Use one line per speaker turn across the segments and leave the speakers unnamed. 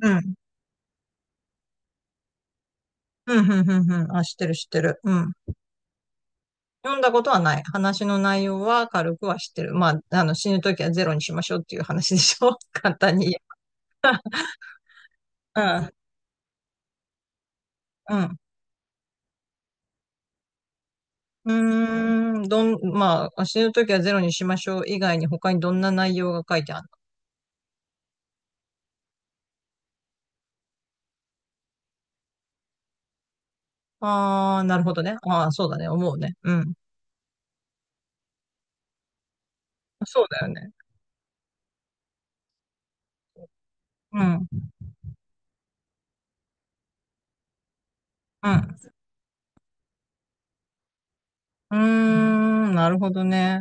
うん。うん、うん、うん、うん。あ、知ってる、知ってる。うん。読んだことはない。話の内容は軽くは知ってる。まあ、死ぬときはゼロにしましょうっていう話でしょ 簡単に言えば。うん。うん。うーん。まあ、死ぬときはゼロにしましょう以外に他にどんな内容が書いてあるの。ああー、なるほどね。ああ、そうだね。思うね。うん。そうだよね。うん。うん。うーん。なるほどね。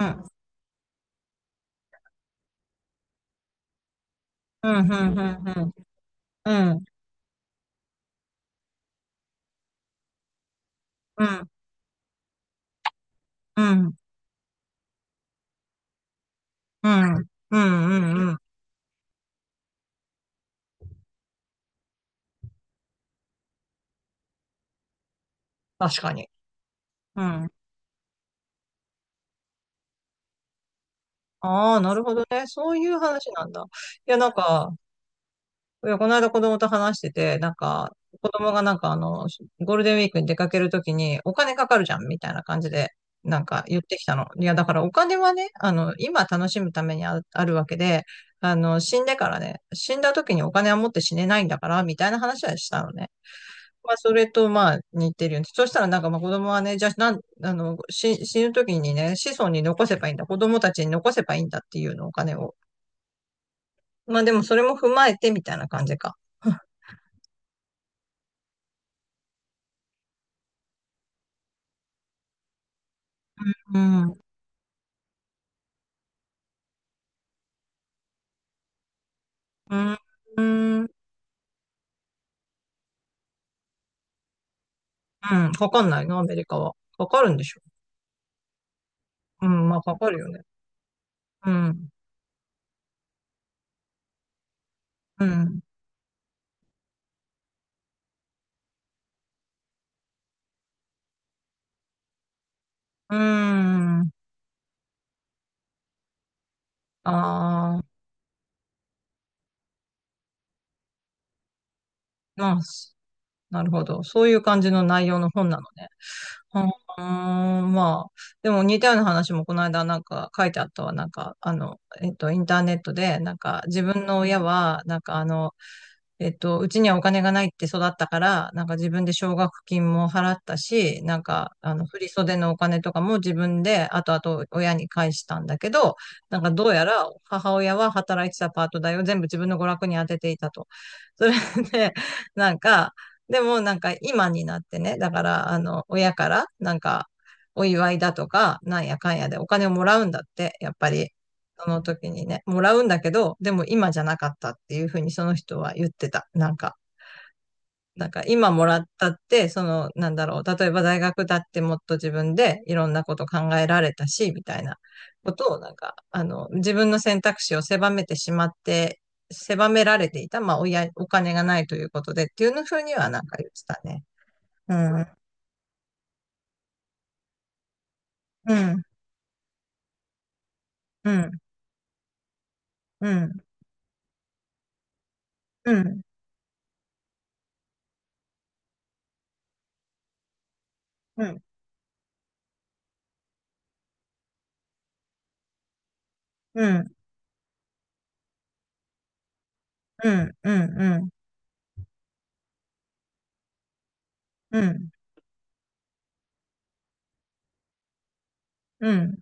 うん。うん、うん、うん、うん。うん。うん。うん。うん。うん。うん。うん。確かに。うん。ああ、なるほどね。そういう話なんだ。いや、なんか、いや、この間子供と話してて、なんか、子供がなんかゴールデンウィークに出かけるときにお金かかるじゃん、みたいな感じで、なんか言ってきたの。いや、だからお金はね、今楽しむためにあるわけで、死んでからね、死んだときにお金は持って死ねないんだから、みたいな話はしたのね。まあ、それと、まあ、似てるよね。そしたら、なんか、まあ、子供はね、じゃあ、なん、あの、し死ぬ時にね、子孫に残せばいいんだ。子供たちに残せばいいんだっていうの、お金を。まあでもそれも踏まえてみたいな感じか。うん。うん。うん。うん。かかんないの、アメリカは。かかるんでしょ。うん。まあかかるよね。うん。うん。うん。ああ、まあ、なるほど。そういう感じの内容の本なのね。うん、まあ、でも似たような話もこの間なんか書いてあったわ。なんか、インターネットで、なんか自分の親は、なんかうちにはお金がないって育ったから、なんか自分で奨学金も払ったし、なんか、振り袖のお金とかも自分で後々親に返したんだけど、なんかどうやら母親は働いてたパート代を全部自分の娯楽に当てていたと。それで、なんか、でもなんか今になってね、だからあの親からなんかお祝いだとか、なんやかんやでお金をもらうんだって、やっぱりその時にね、もらうんだけど、でも今じゃなかったっていうふうにその人は言ってた。なんか、今もらったって、そのなんだろう、例えば大学だってもっと自分でいろんなこと考えられたし、みたいなことをなんか、自分の選択肢を狭めてしまって狭められていた、まあ、親、お金がないということでっていうふうにはなんか言ってたね。うん、うん、うん、うん、うん、うん、うん、うん、うん、うん、うん、うん、うん、うん、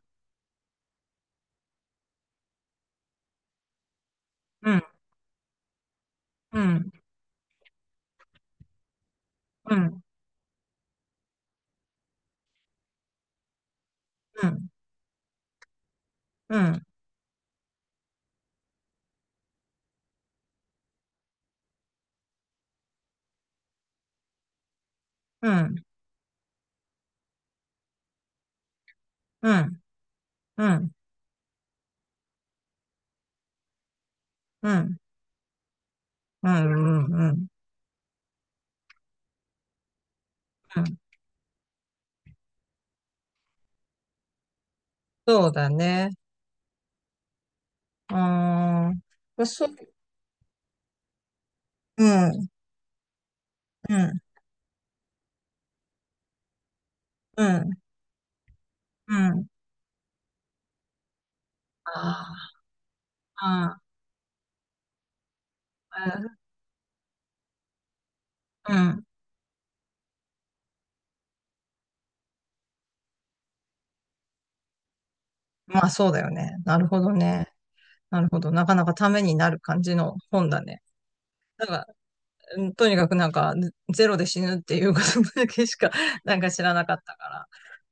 うん、うん、うん、うん、うん、うん、うん、うん、うん、そうだね。うーん、そう、うん、うん、うん、うん、ああ、うん、うん、まあそうだよね。なるほどね。なるほど。なかなかためになる感じの本だね。なんか。うん。とにかくなんか、ゼロで死ぬっていうことだけしか、なんか知らなかったから、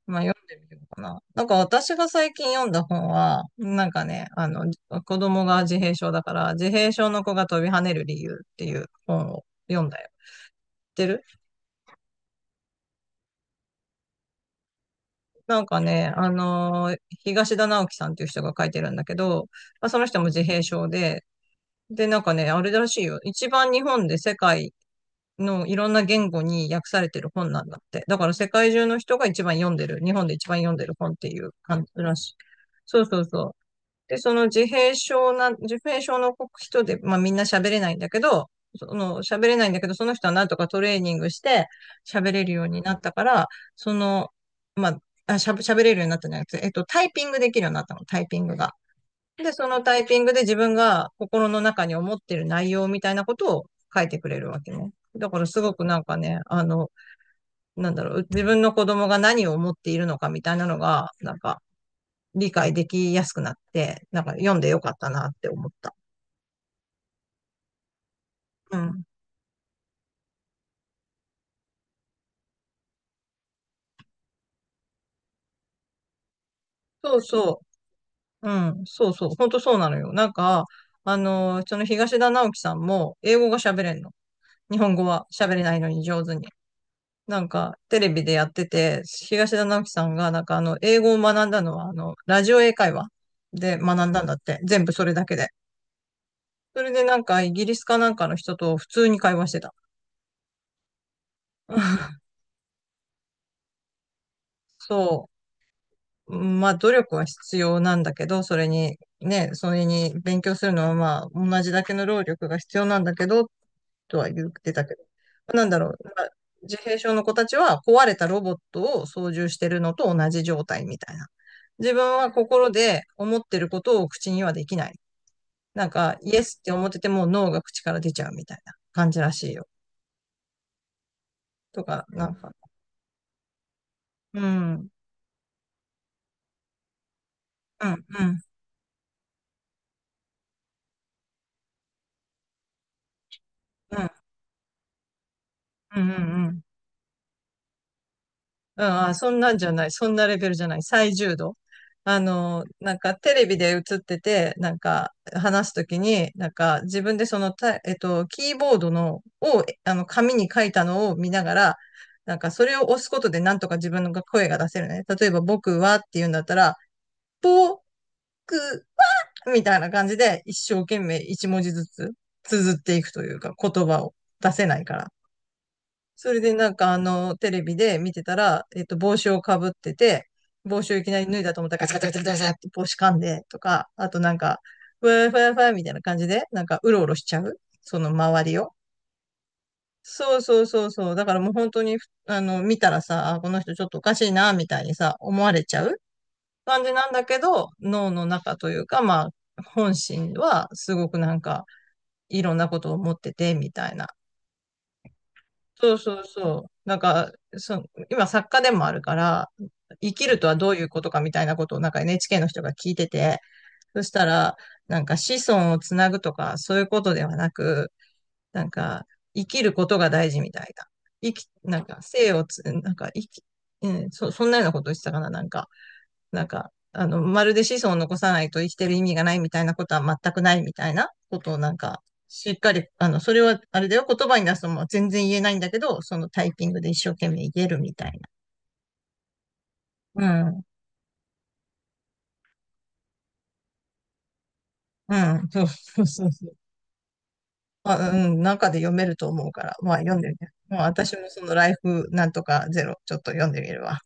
まあ読んでみようかな。なんか私が最近読んだ本は、なんかね、子供が自閉症だから、自閉症の子が飛び跳ねる理由っていう本を読んだよ。知ってる？なんかね、東田直樹さんっていう人が書いてるんだけど、まあ、その人も自閉症で、なんかね、あれらしいよ。一番日本で世界のいろんな言語に訳されてる本なんだって。だから世界中の人が一番読んでる、日本で一番読んでる本っていう感じらしい。そうそうそう。で、自閉症の人で、まあみんな喋れないんだけど、その喋れないんだけど、その人はなんとかトレーニングして喋れるようになったから、その、まあ、喋れるようになったんじゃなくて、タイピングできるようになったの、タイピングが。で、そのタイピングで自分が心の中に思ってる内容みたいなことを書いてくれるわけね。だからすごくなんかね、なんだろう、自分の子供が何を思っているのかみたいなのが、なんか理解できやすくなって、なんか読んでよかったなって思った。うん。そうそう。うん。そうそう。本当そうなのよ。なんか、その東田直樹さんも英語が喋れんの。日本語は喋れないのに上手に。なんか、テレビでやってて、東田直樹さんが、なんか英語を学んだのは、ラジオ英会話で学んだんだって。全部それだけで。それでなんか、イギリスかなんかの人と普通に会話してた。そう。まあ、努力は必要なんだけど、それに、ね、それに勉強するのはまあ、同じだけの労力が必要なんだけどっとは言ってたけど。なんだろう。まあ自閉症の子たちは壊れたロボットを操縦してるのと同じ状態みたいな。自分は心で思ってることを口にはできない。なんか、イエスって思ってても脳が口から出ちゃうみたいな感じらしいよ。とか、なんか、うん、うん、うん、うん、うん、うん、うん。うん、あ、そんなんじゃない。そんなレベルじゃない。最重度。なんかテレビで映ってて、なんか話すときに、なんか自分でそのタイ、えっと、キーボードの、を、えあの、紙に書いたのを見ながら、なんかそれを押すことでなんとか自分の声が出せるね。例えば僕はって言うんだったら、僕はみたいな感じで一生懸命一文字ずつ綴っていくというか言葉を出せないから。それでなんかテレビで見てたら、帽子をかぶってて、帽子をいきなり脱いだと思ったらガチャガチャガチャガチャって帽子噛んでとか、あとなんか、ふわふわふわみたいな感じで、なんかうろうろしちゃうその周りを。そうそうそうそう。だからもう本当に、見たらさ、あこの人ちょっとおかしいな、みたいにさ、思われちゃう感じなんだけど、脳の中というか、まあ、本心はすごくなんか、いろんなことを思ってて、みたいな。そうそうそう。なんか、そ今作家でもあるから、生きるとはどういうことかみたいなことをなんか NHK の人が聞いてて、そしたら、なんか子孫をつなぐとか、そういうことではなく、なんか、生きることが大事みたいな。生き、なんか、生をつ、なんか、生き、うん、そんなようなことを言ってたかな、なんか。なんか、まるで子孫を残さないと生きてる意味がないみたいなことは全くないみたいなことをなんか、しっかり、それは、あれだよ、言葉に出すのも全然言えないんだけど、そのタイピングで一生懸命言えるみたいな。うん。うん。そうそうそうそう。あ、うん。中で読めると思うから、まあ読んでみる。もう私もそのライフなんとかゼロ、ちょっと読んでみるわ。